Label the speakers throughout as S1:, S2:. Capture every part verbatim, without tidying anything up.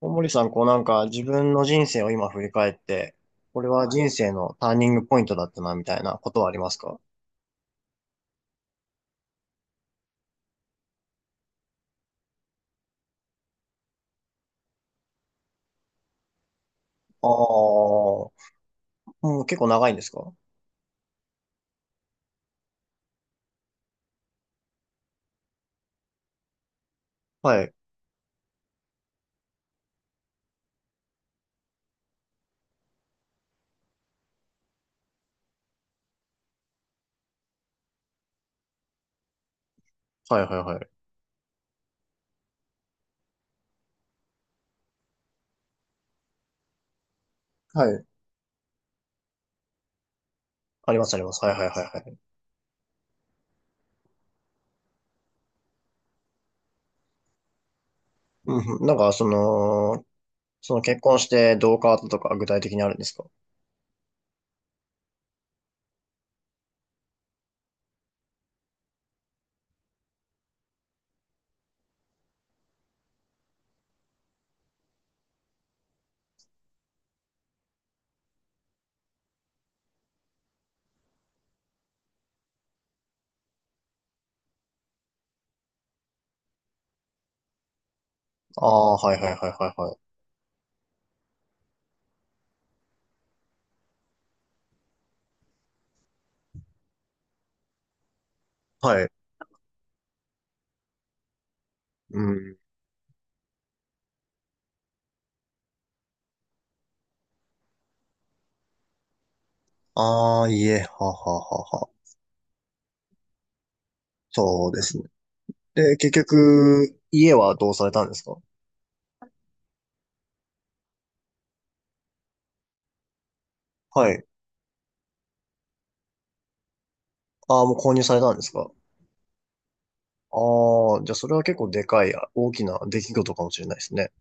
S1: 大森さん、こうなんか自分の人生を今振り返って、これは人生のターニングポイントだったな、みたいなことはありますか？ああー、もう結構長いんですか？はい。はいはいはい。はい。ありますあります。はいはいはいはい。うんうん、なんかその、その結婚してどう変わったとか具体的にあるんですか？ああー、はいはいはいはいはい。はい。うん。ああ、家、はははは。そうですね。で、結局、家はどうされたんですか？はい。ああ、もう購入されたんですか？ああ、じゃあそれは結構でかい、あ大きな出来事かもしれないですね。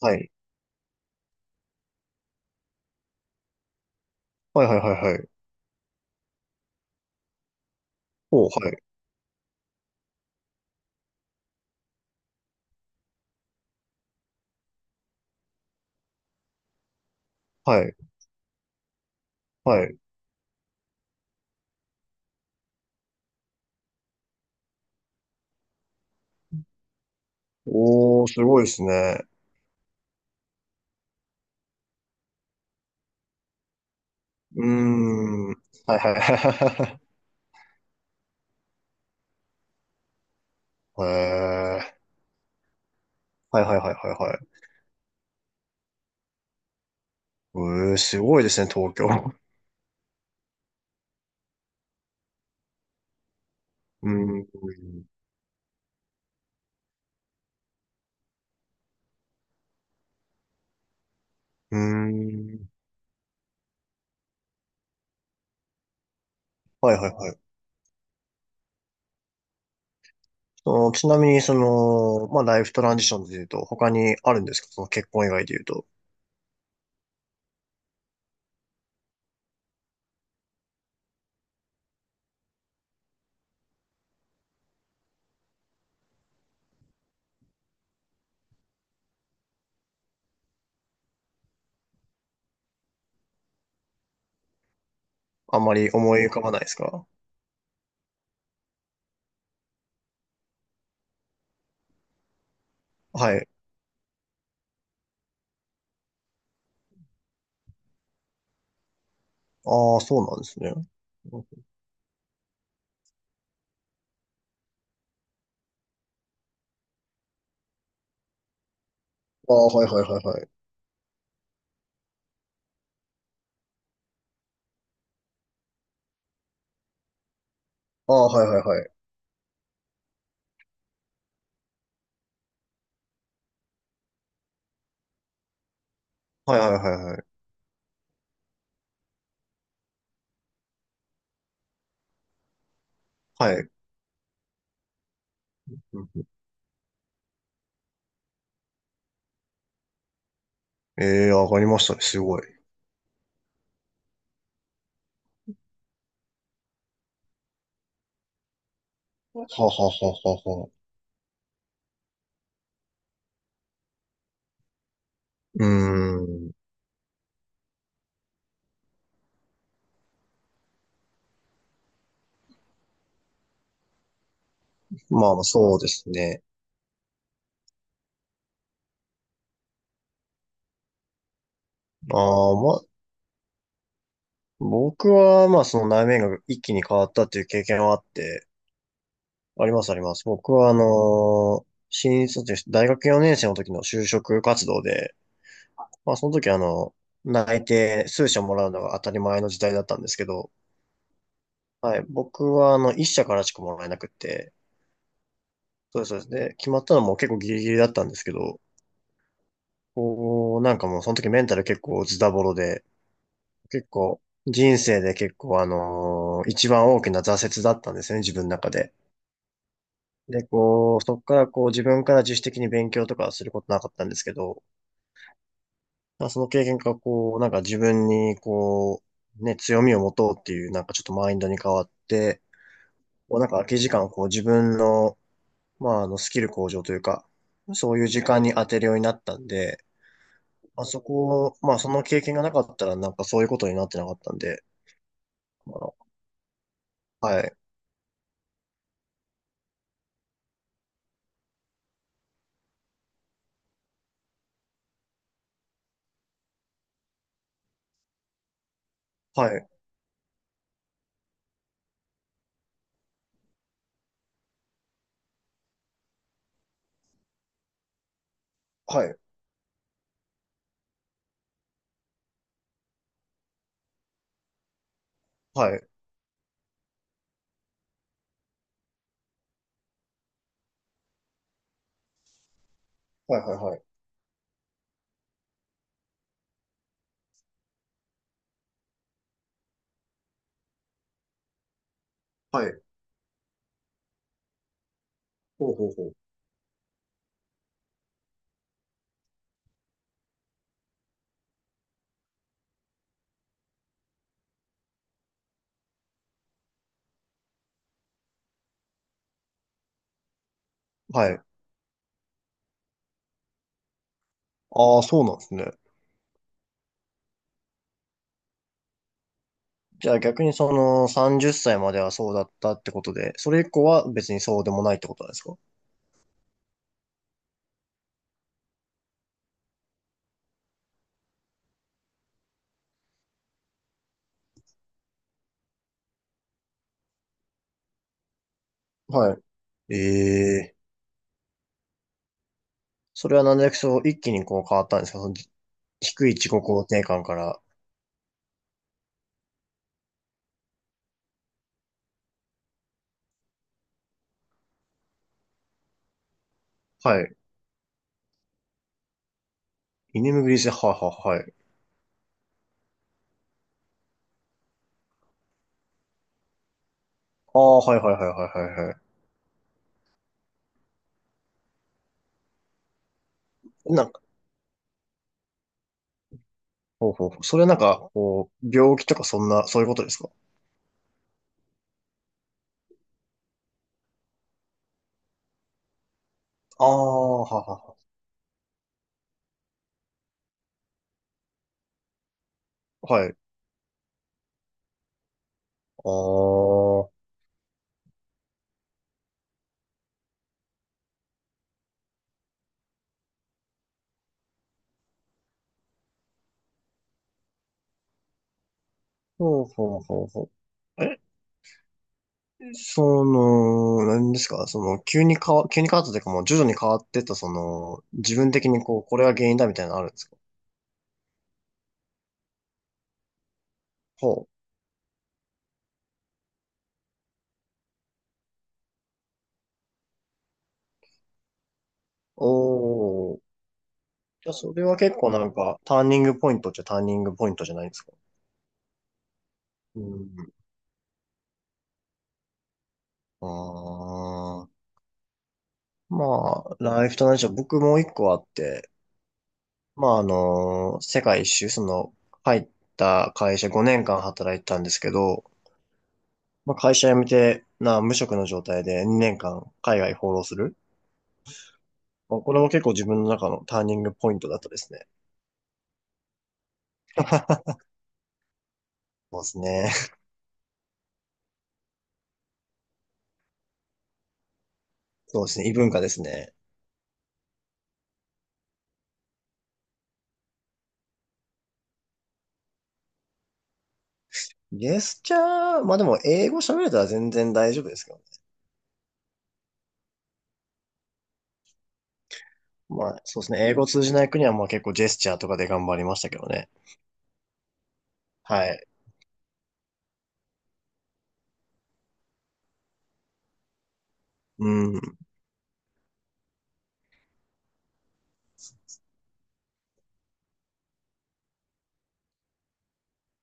S1: はい。はいはいはいはい。おう、はい。はい。はい。おー、すごいですね。うーん。はいはいはいはい。へえ。はいはいはいはいはい。えー、すごいですね、東京。うーん。うーん。はいはいはい。その、ちなみに、その、まあ、ライフトランジションで言うと、他にあるんですか？その結婚以外で言うと。あんまり思い浮かばないですか？はい。ああ、そうなんですね。ああ、はいはいはいはい。ああ、はいはいはい。はいはいはいはい。はい。ええー、上がりましたね。すごい。はははははうーん。まあまあ、そうですね。ああ、まあ、僕は、まあ、その内面が一気に変わったっていう経験はあって、ありますあります。僕は、あのー新卒、大学よねん生の時の就職活動で、まあ、その時、あの、内定数社もらうのが当たり前の時代だったんですけど、はい、僕は、あの、いっしゃ社からしかもらえなくって、そうですそうです、で、決まったのも結構ギリギリだったんですけど、こう、なんかもうその時メンタル結構ズタボロで、結構人生で結構あのー一番大きな挫折だったんですよね、自分の中で。で、こう、そこからこう自分から自主的に勉強とかはすることなかったんですけど、まあその経験がこう、なんか自分にこう、ね、強みを持とうっていうなんかちょっとマインドに変わって、こうなんか空き時間をこう自分の、まああのスキル向上というか、そういう時間に当てるようになったんで、あそこ、まあその経験がなかったらなんかそういうことになってなかったんで、あの、はい、はい、はい、はい、はい、はい、はい、はい、ほうほうほう。はい。ああ、そうなんですね。じゃあ逆にそのさんじゅっさいまではそうだったってことで、それ以降は別にそうでもないってことなんですか？はい。ええ、それはなんでそう一気にこう変わったんですか？その低い自己肯定感から。はい。居眠りリス、はいはいはい。ああ、はいはいはいはいはいはい。な、ほうほうほう。それはなんか、こう、病気とかそんな、そういうことですか？ああ、ははははい。ああ、ほうほうほうほう。え、その、何ですかその、急に変わ、急に変わったというか、もう徐々に変わってった、その、自分的にこう、これが原因だみたいなのあるんですか？ほう。おー。じゃあ、それは結構なんか、ターニングポイントっちゃターニングポイントじゃないですか？うん。ああ。まあ、ライフと同じでゃ僕もう一個あって、まあ、あの、世界一周、その、入った会社ごねんかん働いてたんですけど、まあ、会社辞めて、な、無職の状態でにねんかん海外放浪する。まあ、これも結構自分の中のターニングポイントだったですね。そうですね。そうですね。異文化ですね。ジェスチャー、まあでも英語喋れたら全然大丈夫ですけどね。まあそうですね。英語通じない国はまあ結構ジェスチャーとかで頑張りましたけどね。はい。うん。